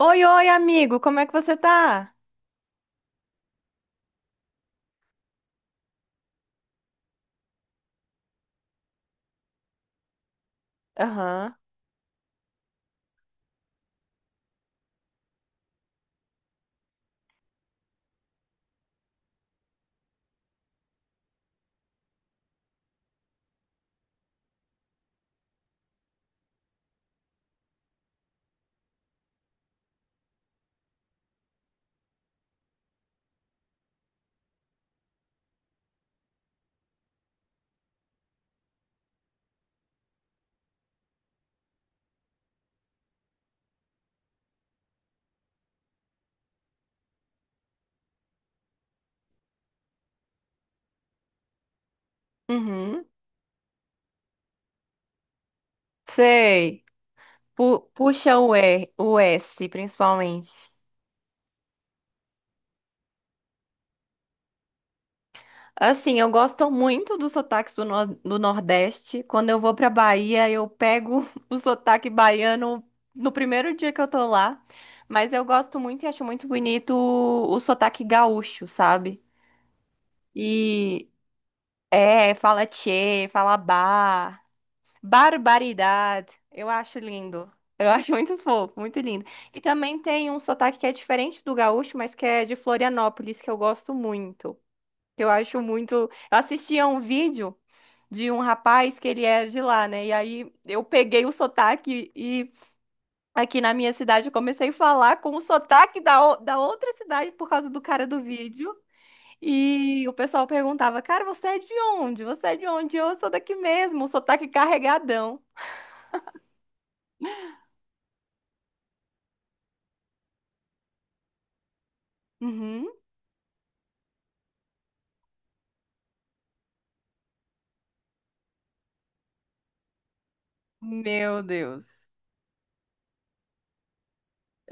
Oi, oi, amigo, como é que você tá? Aham. Uhum. Sei. Puxa o E, o S, principalmente. Assim, eu gosto muito dos sotaques do, nor- do Nordeste. Quando eu vou pra Bahia, eu pego o sotaque baiano no primeiro dia que eu tô lá. Mas eu gosto muito e acho muito bonito o sotaque gaúcho, sabe? E É, fala tchê, fala bah. Barbaridade. Eu acho lindo. Eu acho muito fofo, muito lindo. E também tem um sotaque que é diferente do gaúcho, mas que é de Florianópolis, que eu gosto muito. Que eu acho muito. Eu assisti a um vídeo de um rapaz que ele era de lá, né? E aí eu peguei o sotaque e aqui na minha cidade eu comecei a falar com o sotaque da outra cidade por causa do cara do vídeo. E o pessoal perguntava: "Cara, você é de onde? Você é de onde?" Eu sou daqui mesmo, o sotaque carregadão. Uhum. Meu Deus.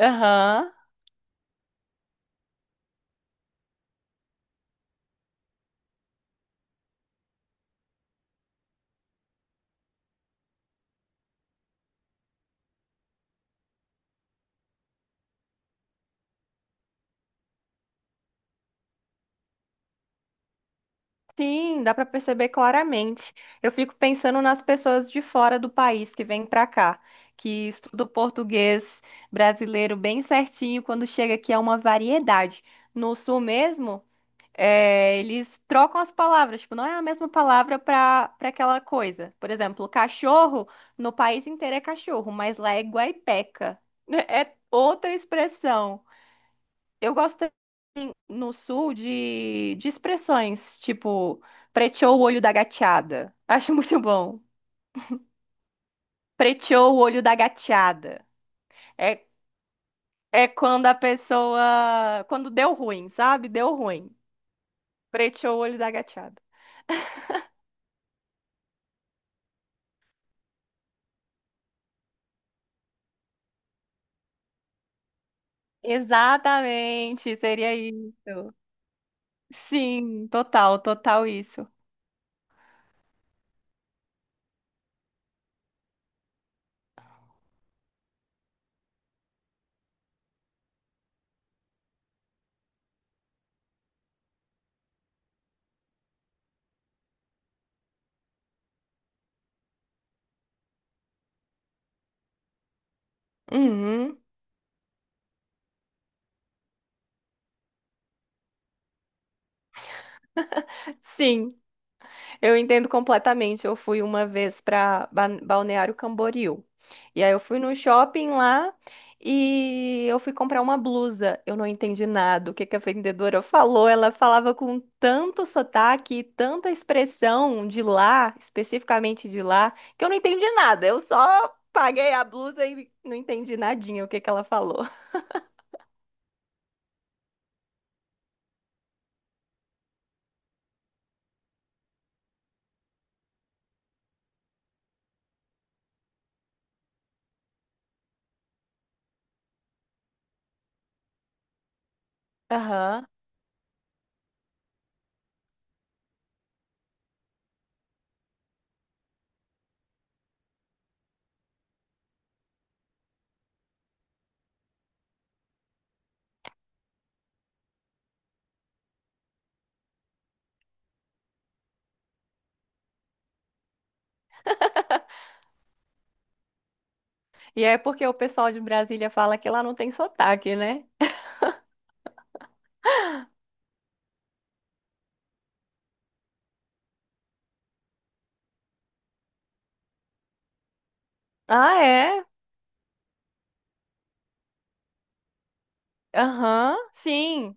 Aham. Sim, dá para perceber claramente. Eu fico pensando nas pessoas de fora do país que vêm para cá, que estudam português brasileiro bem certinho, quando chega aqui é uma variedade. No sul mesmo, eles trocam as palavras, tipo, não é a mesma palavra para aquela coisa. Por exemplo, cachorro, no país inteiro é cachorro, mas lá é guaipeca. É outra expressão. Eu gosto no sul de expressões, tipo, preteou o olho da gateada. Acho muito bom. Preteou o olho da gateada. É, é quando a pessoa. Quando deu ruim, sabe? Deu ruim. Preteou o olho da gateada. Exatamente, seria isso. Sim, total, total isso. Uhum. Sim. Eu entendo completamente. Eu fui uma vez para Balneário Camboriú. E aí eu fui no shopping lá e eu fui comprar uma blusa. Eu não entendi nada. O que que a vendedora falou? Ela falava com tanto sotaque, tanta expressão de lá, especificamente de lá, que eu não entendi nada. Eu só paguei a blusa e não entendi nadinha o que que ela falou. Aham. E é porque o pessoal de Brasília fala que lá não tem sotaque, né? Ah, é? Aham, sim.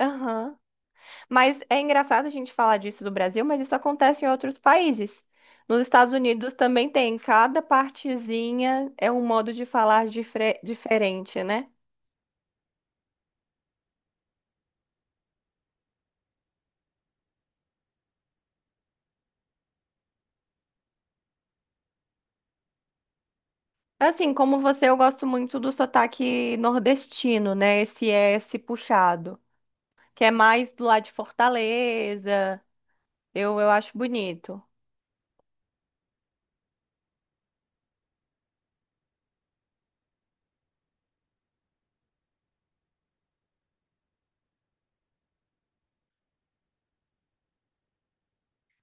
Aham. Mas é engraçado a gente falar disso do Brasil, mas isso acontece em outros países. Nos Estados Unidos também tem, cada partezinha é um modo de falar diferente, né? Assim, como você, eu gosto muito do sotaque nordestino, né? Esse S puxado, que é mais do lado de Fortaleza. Eu acho bonito.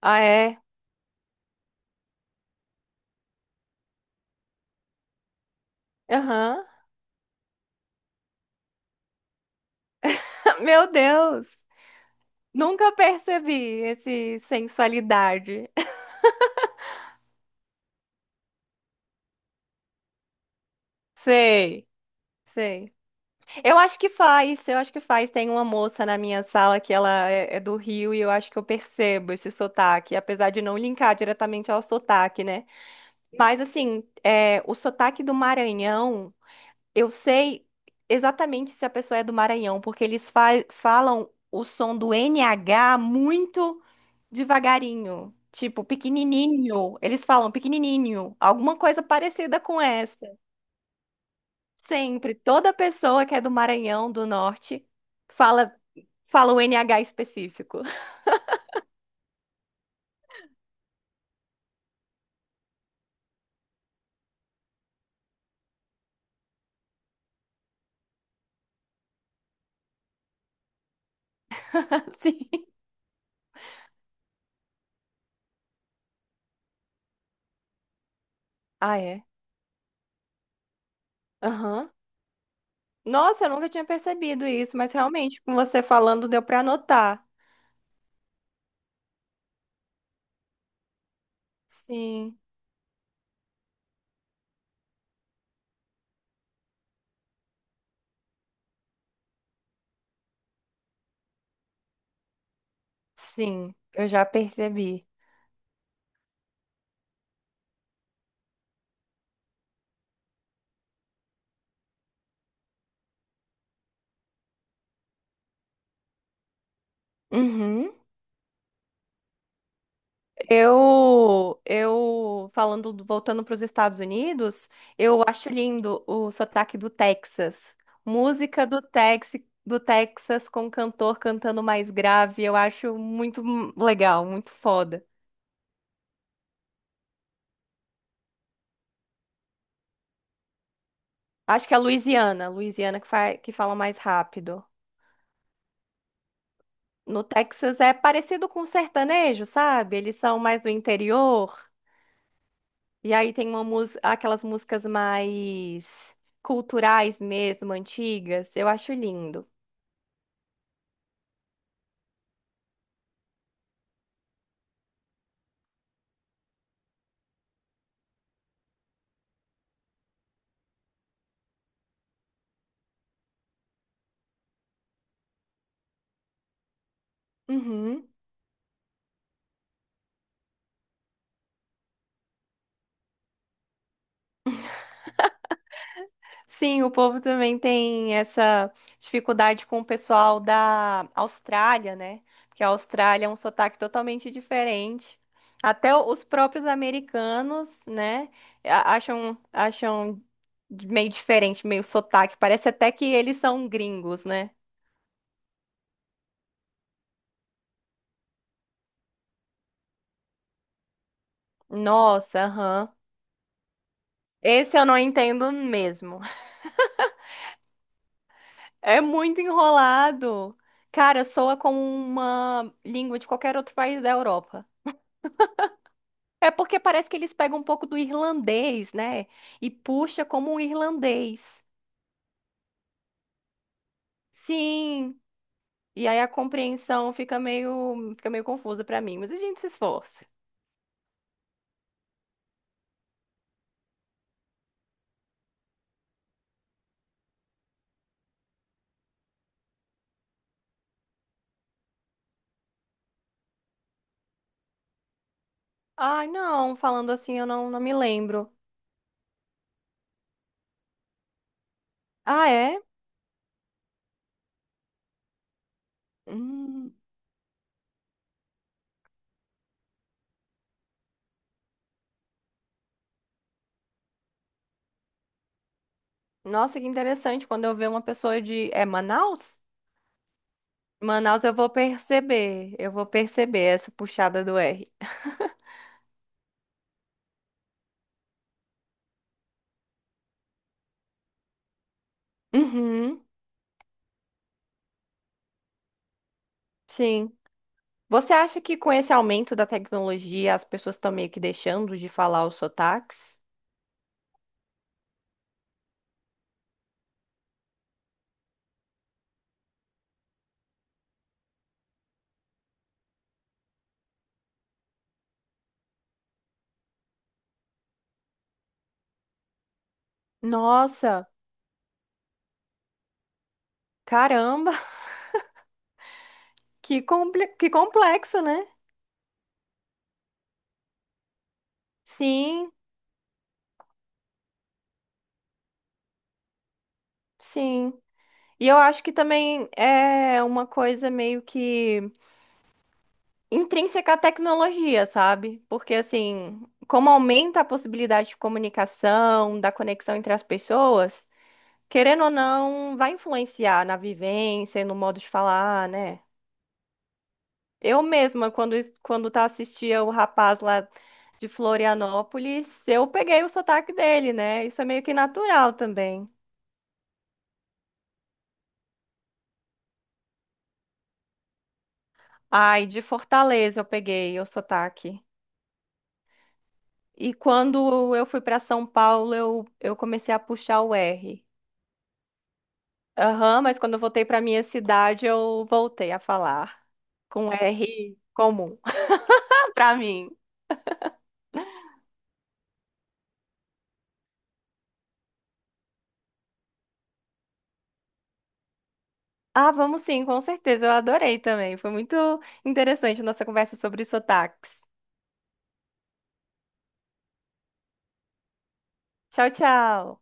Ah, é? Aham. Meu Deus! Nunca percebi esse sensualidade. Sei, sei. Eu acho que faz, eu acho que faz. Tem uma moça na minha sala que ela é do Rio e eu acho que eu percebo esse sotaque, apesar de não linkar diretamente ao sotaque, né? Mas assim, é, o sotaque do Maranhão, eu sei exatamente se a pessoa é do Maranhão, porque eles falam o som do NH muito devagarinho, tipo pequenininho. Eles falam pequenininho, alguma coisa parecida com essa. Sempre, toda pessoa que é do Maranhão, do Norte, fala. Fala o NH específico. Sim. Ah, é? Aham. Nossa, eu nunca tinha percebido isso, mas realmente, com você falando, deu pra anotar. Sim, sim, eu já percebi. Uhum. Eu falando, voltando para os Estados Unidos, eu acho lindo o sotaque do Texas. Música do Texas com cantor cantando mais grave, eu acho muito legal, muito foda. Acho que é Louisiana, Louisiana que, que fala mais rápido. No Texas é parecido com sertanejo, sabe? Eles são mais do interior. E aí tem uma aquelas músicas mais culturais mesmo, antigas. Eu acho lindo. Uhum. Sim, o povo também tem essa dificuldade com o pessoal da Austrália, né? Porque a Austrália é um sotaque totalmente diferente. Até os próprios americanos, né, acham, acham meio diferente, meio sotaque. Parece até que eles são gringos, né? Nossa, aham. Esse eu não entendo mesmo. É muito enrolado. Cara, soa como uma língua de qualquer outro país da Europa. É porque parece que eles pegam um pouco do irlandês, né? E puxa como um irlandês. Sim. E aí a compreensão fica meio confusa pra mim, mas a gente se esforça. Ai, não, falando assim, eu não, não me lembro. Ah, é? Hum. Nossa, que interessante. Quando eu ver uma pessoa de. É Manaus? Manaus eu vou perceber. Eu vou perceber essa puxada do R. Uhum, sim. Você acha que com esse aumento da tecnologia as pessoas estão meio que deixando de falar os sotaques? Nossa, caramba, que complexo, né? Sim, sim. E eu acho que também é uma coisa meio que intrínseca à tecnologia, sabe? Porque assim, como aumenta a possibilidade de comunicação, da conexão entre as pessoas, querendo ou não, vai influenciar na vivência, e no modo de falar, né? Eu mesma, quando tá assistia o rapaz lá de Florianópolis, eu peguei o sotaque dele, né? Isso é meio que natural também. Ai, de Fortaleza eu peguei o sotaque. E quando eu fui para São Paulo, eu comecei a puxar o R. Aham, mas quando eu voltei para minha cidade, eu voltei a falar com R comum para mim. Ah, vamos sim, com certeza. Eu adorei também. Foi muito interessante a nossa conversa sobre sotaques. Tchau, tchau.